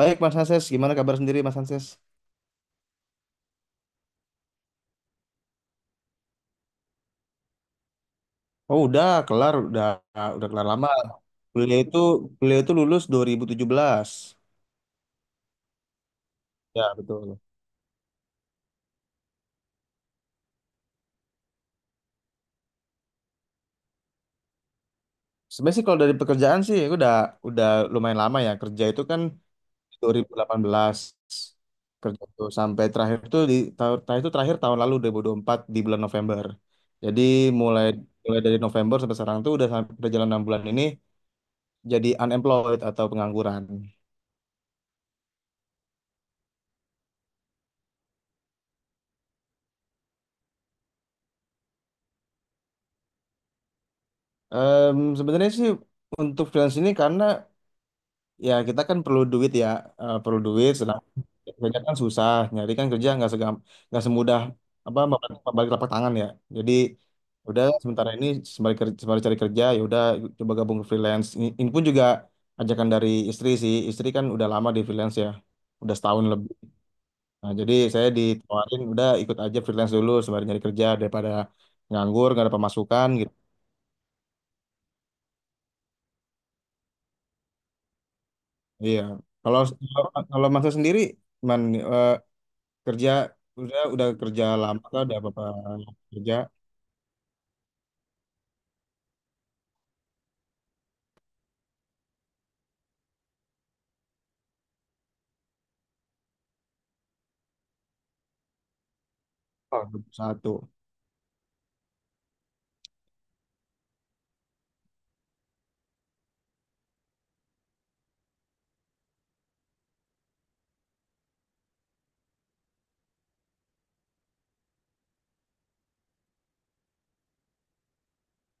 Baik Mas Hanses, gimana kabar sendiri Mas Hanses? Oh udah kelar, udah kelar lama. Beliau itu beliau itu lulus dua ribu tujuh belas. Ya betul. Sebenarnya sih kalau dari pekerjaan sih aku udah udah lumayan lama ya kerja itu kan. Dua ribu delapan belas kerja tuh sampai terakhir tuh di tahun terakhir itu, terakhir tahun lalu dua dua ribu dua puluh empat di bulan November. Jadi mulai mulai dari November sampai sekarang tuh udah udah jalan 6 bulan ini jadi unemployed atau pengangguran. Sebenarnya sih untuk freelance ini karena ya kita kan perlu duit ya, perlu duit. Sedang kerja kan susah, nyari kan kerja nggak segam, nggak semudah apa membalik membalik telapak tangan ya. Jadi udah sementara ini sembari kerja, sembari cari kerja ya udah coba gabung ke freelance. Ini pun juga ajakan dari istri sih. Istri kan udah lama di freelance ya, udah setahun lebih. Nah, jadi saya ditawarin udah ikut aja freelance dulu sembari nyari kerja daripada nganggur nggak ada pemasukan gitu. Iya. Kalau kalau kalau Mas sendiri, man, eh, kerja udah kerja lama kan udah bapak kerja. Oh, dua puluh satu.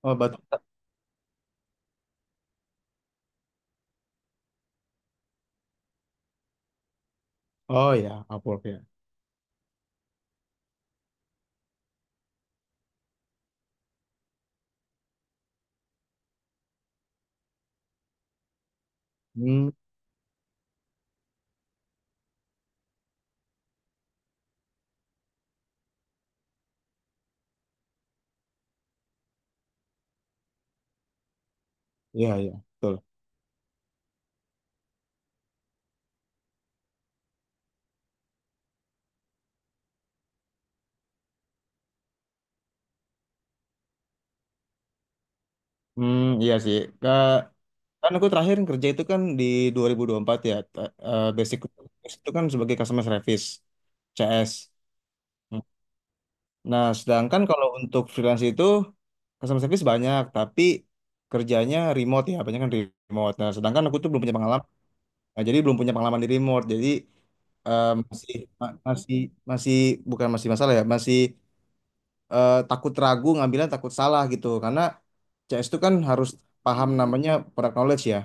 Oh batu. Oh ya, Upwork ya. Hmm, iya iya betul. Hmm, iya sih. Kan aku terakhir kerja itu kan di 2024 ya. Basic itu kan sebagai customer service, CS. Nah, sedangkan kalau untuk freelance itu customer service banyak, tapi kerjanya remote ya, banyak kan remote. Nah, sedangkan aku tuh belum punya pengalaman. Nah, jadi belum punya pengalaman di remote. Jadi eh, masih masih masih bukan masih masalah ya, masih takut ragu ngambilnya, takut salah gitu. Karena CS itu kan harus paham namanya product knowledge ya.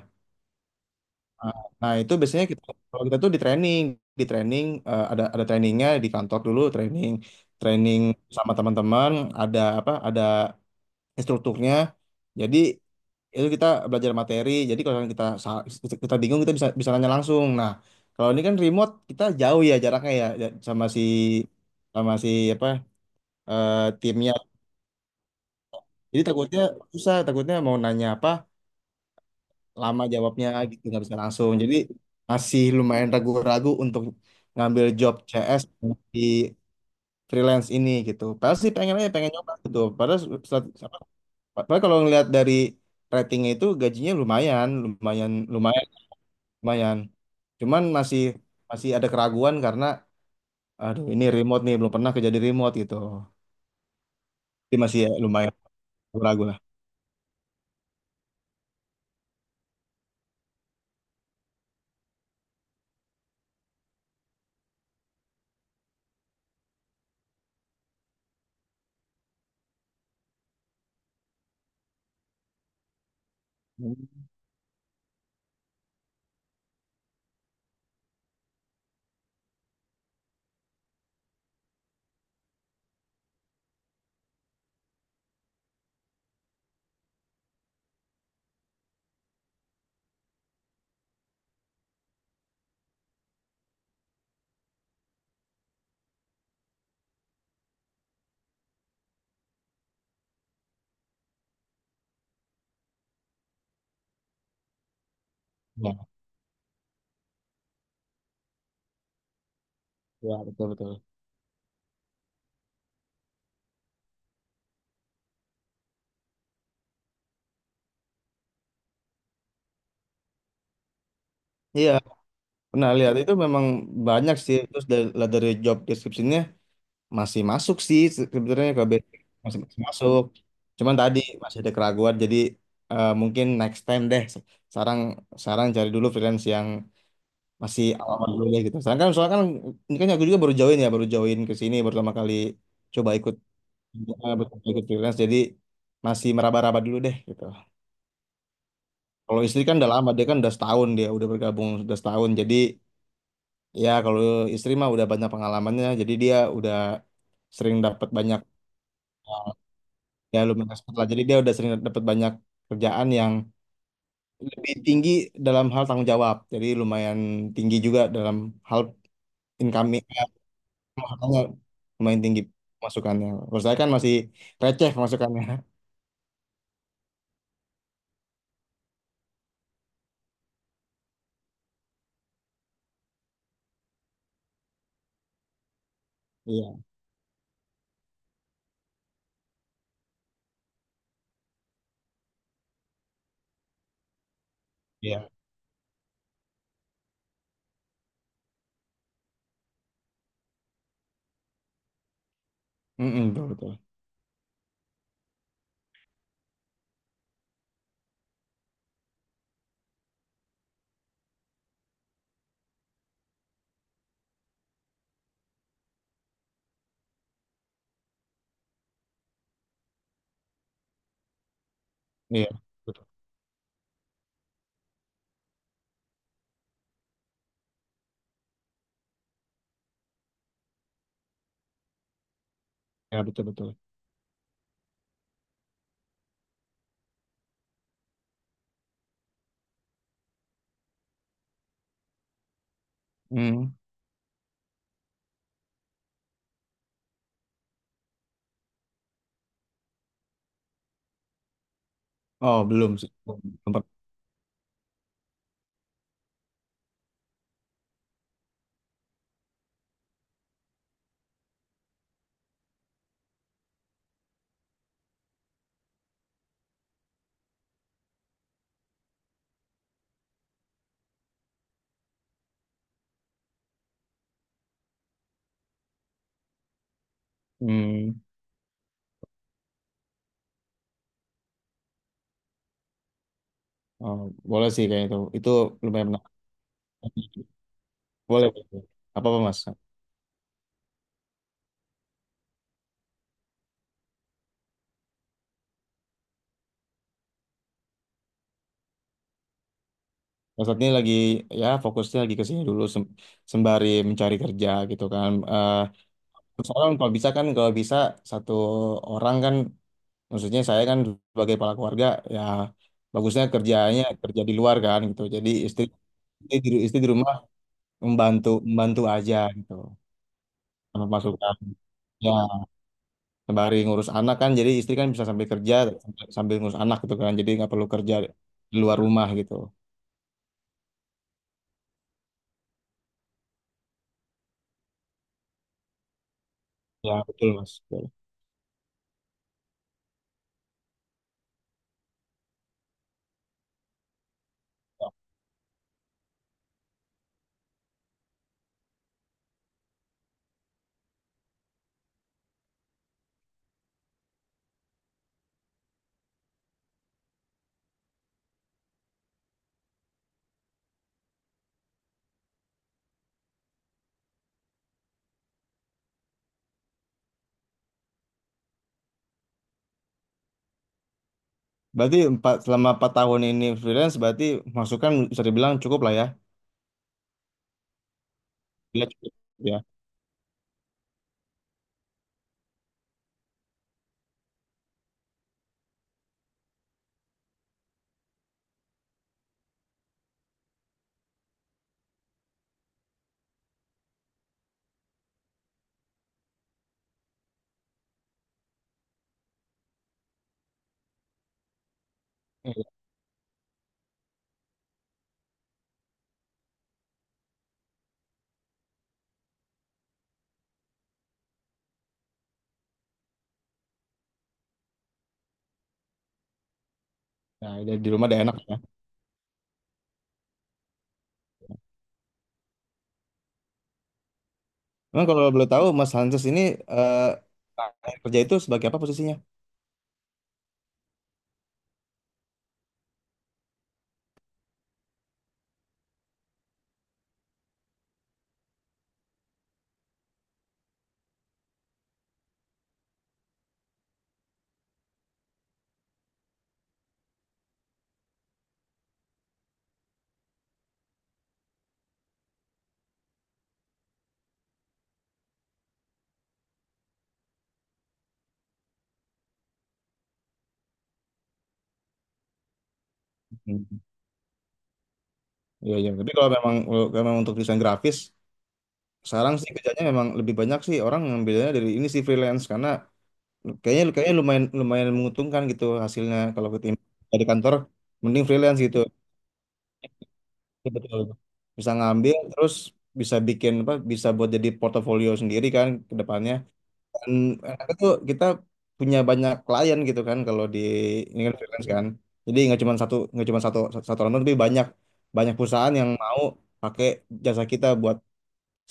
Nah, nah, itu biasanya kita kalau kita tuh di training, di training, ada trainingnya di kantor dulu, training training sama teman-teman, ada apa ada instrukturnya. Jadi itu kita belajar materi, jadi kalau kita bingung, kita bisa bisa nanya langsung. Nah, kalau ini kan remote, kita jauh ya jaraknya, ya ya, sama si apa timnya. Jadi takutnya susah, takutnya mau nanya apa, lama jawabnya gitu, nggak bisa langsung. Jadi masih lumayan ragu-ragu untuk ngambil job CS di freelance ini gitu. Padahal sih pengen aja pengen nyoba gitu, padahal se- apa, padahal kalau ngelihat dari ratingnya itu gajinya lumayan, lumayan lumayan lumayan. Cuman masih masih ada keraguan karena aduh ini remote nih, belum pernah kerja di remote gitu. Jadi masih ya, lumayan ragu lah. Hmm. Ya. Ya betul betul. Iya, pernah lihat itu memang banyak sih. Terus dari, lihat dari job description-nya masih masuk sih sebenarnya ke basic. Masih masuk. Cuman tadi masih ada keraguan, jadi mungkin next time deh. Sekarang sekarang cari dulu freelance yang masih awal dulu ya gitu. Sekarang kan soalnya kan ini kan aku juga baru join ya, baru join ke sini, baru pertama kali coba ikut coba ikut freelance. Jadi masih meraba-raba dulu deh gitu. Kalau istri kan udah lama, dia kan udah setahun, dia udah bergabung udah setahun. Jadi ya kalau istri mah udah banyak pengalamannya, jadi dia udah sering dapat banyak, eh, ya lumayan expert lah. Jadi dia udah sering dapat banyak kerjaan yang lebih tinggi dalam hal tanggung jawab. Jadi lumayan tinggi juga dalam hal income. Makanya lumayan tinggi masukannya. Kalau saya kan masih receh masukannya. Iya, iya. Mm-mm, betul, betul. Iya, betul. Ya, betul, betul. Mm. Oh, belum sih. Belum. Belum pernah. Mm. Oh, boleh sih kayak itu. Itu lumayan menarik. Boleh. Boleh. Apa apa Mas? Mas saat ini lagi, ya fokusnya lagi ke sini dulu sembari mencari kerja gitu kan. Terus orang kalau bisa kan, kalau bisa satu orang kan, maksudnya saya kan sebagai kepala keluarga ya, bagusnya kerjanya kerja di luar kan gitu. Jadi istri istri di rumah membantu membantu aja gitu. Sama masukan ya sembari ngurus anak, kan jadi istri kan bisa sambil kerja, sambil ngurus anak gitu kan. Jadi nggak perlu kerja di luar rumah gitu. Ya betul Mas. Betul. Berarti empat, selama empat tahun ini freelance berarti masukan bisa dibilang cukup lah ya. Bila cukup ya. Iya. Nah, jadi di rumah udah enak. Emang kalau boleh tahu Mas Hanses ini eh, kerja itu sebagai apa posisinya? Hmm. Iya, iya. Tapi kalau memang, kalau memang untuk desain grafis, sekarang sih kerjanya memang lebih banyak sih orang ngambilnya dari ini sih, freelance, karena kayaknya kayaknya lumayan, menguntungkan gitu hasilnya kalau ketim dari kantor, mending freelance gitu. Iya, betul. Bisa ngambil terus bisa bikin apa, bisa buat jadi portofolio sendiri kan ke depannya. Dan enaknya tuh kita punya banyak klien gitu kan kalau di ini kan freelance kan. Jadi nggak cuma satu, nggak cuma satu satu orang doang, tapi banyak banyak perusahaan yang mau pakai jasa kita buat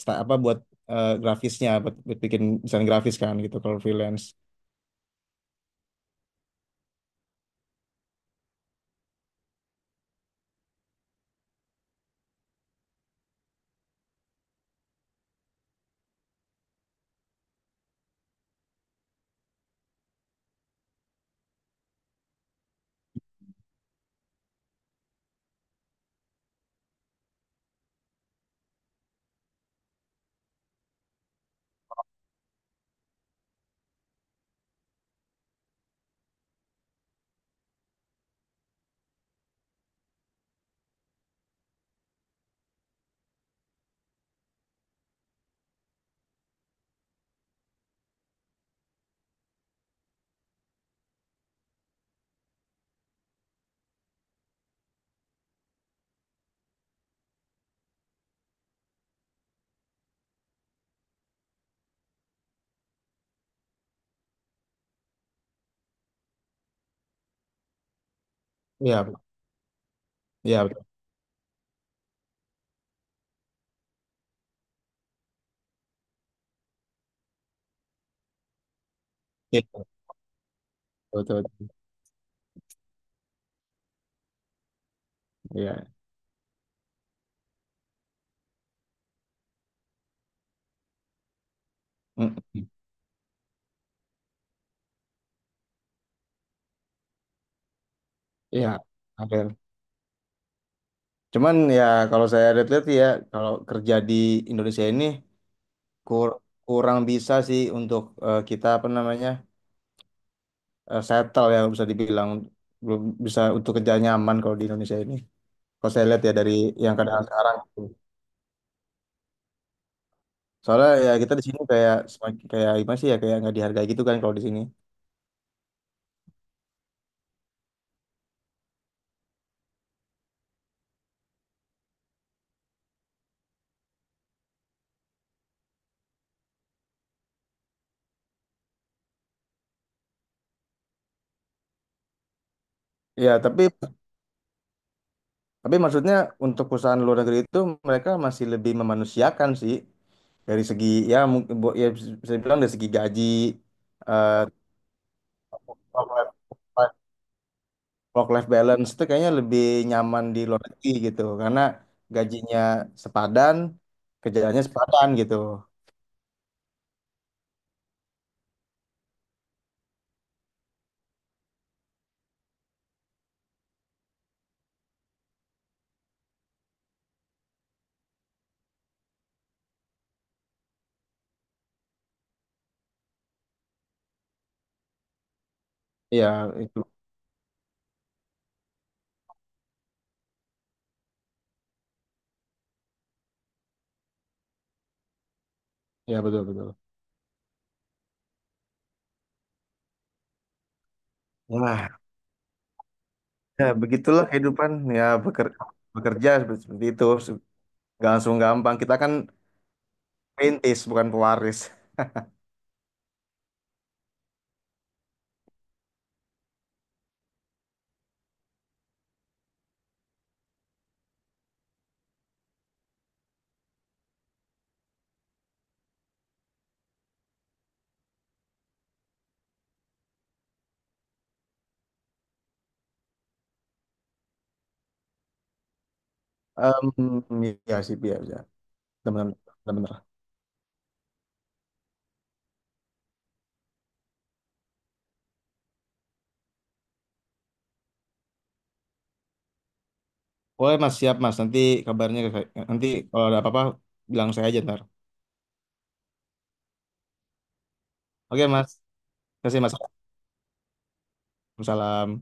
sta- apa buat grafisnya, buat bikin desain grafis kan gitu kalau freelance. Iya, iya betul. Iya, betul. Betul. Iya. Mm. Iya. Ada. Cuman ya kalau saya lihat-lihat ya, kalau kerja di Indonesia ini kur- kurang bisa sih untuk kita apa namanya, settle ya bisa dibilang belum bisa untuk kerja nyaman kalau di Indonesia ini. Kalau saya lihat ya dari yang keadaan sekarang gitu. Soalnya ya kita di sini kayak semakin kayak gimana sih ya, kayak nggak dihargai gitu kan kalau di sini. Tapi tapi maksudnya untuk perusahaan luar negeri itu, mereka masih lebih memanusiakan sih dari segi, ya mungkin ya bisa dibilang dari segi gaji, eh work life, work life balance itu kayaknya lebih nyaman di luar negeri gitu. Karena gajinya sepadan, kerjaannya sepadan gitu. Iya, itu. Ya, betul, betul. Wah, ya begitulah kehidupan, ya beker- bekerja seperti seperti itu. Nggak langsung gampang. Kita kan perintis bukan pewaris. Em, ya sih, ya, ya. Benar, benar, benar. Oke, Mas, siap, Mas. Nanti kabarnya, nanti kalau ada apa-apa, bilang saya aja ntar. Oke, Mas. Terima kasih, Mas. Salam.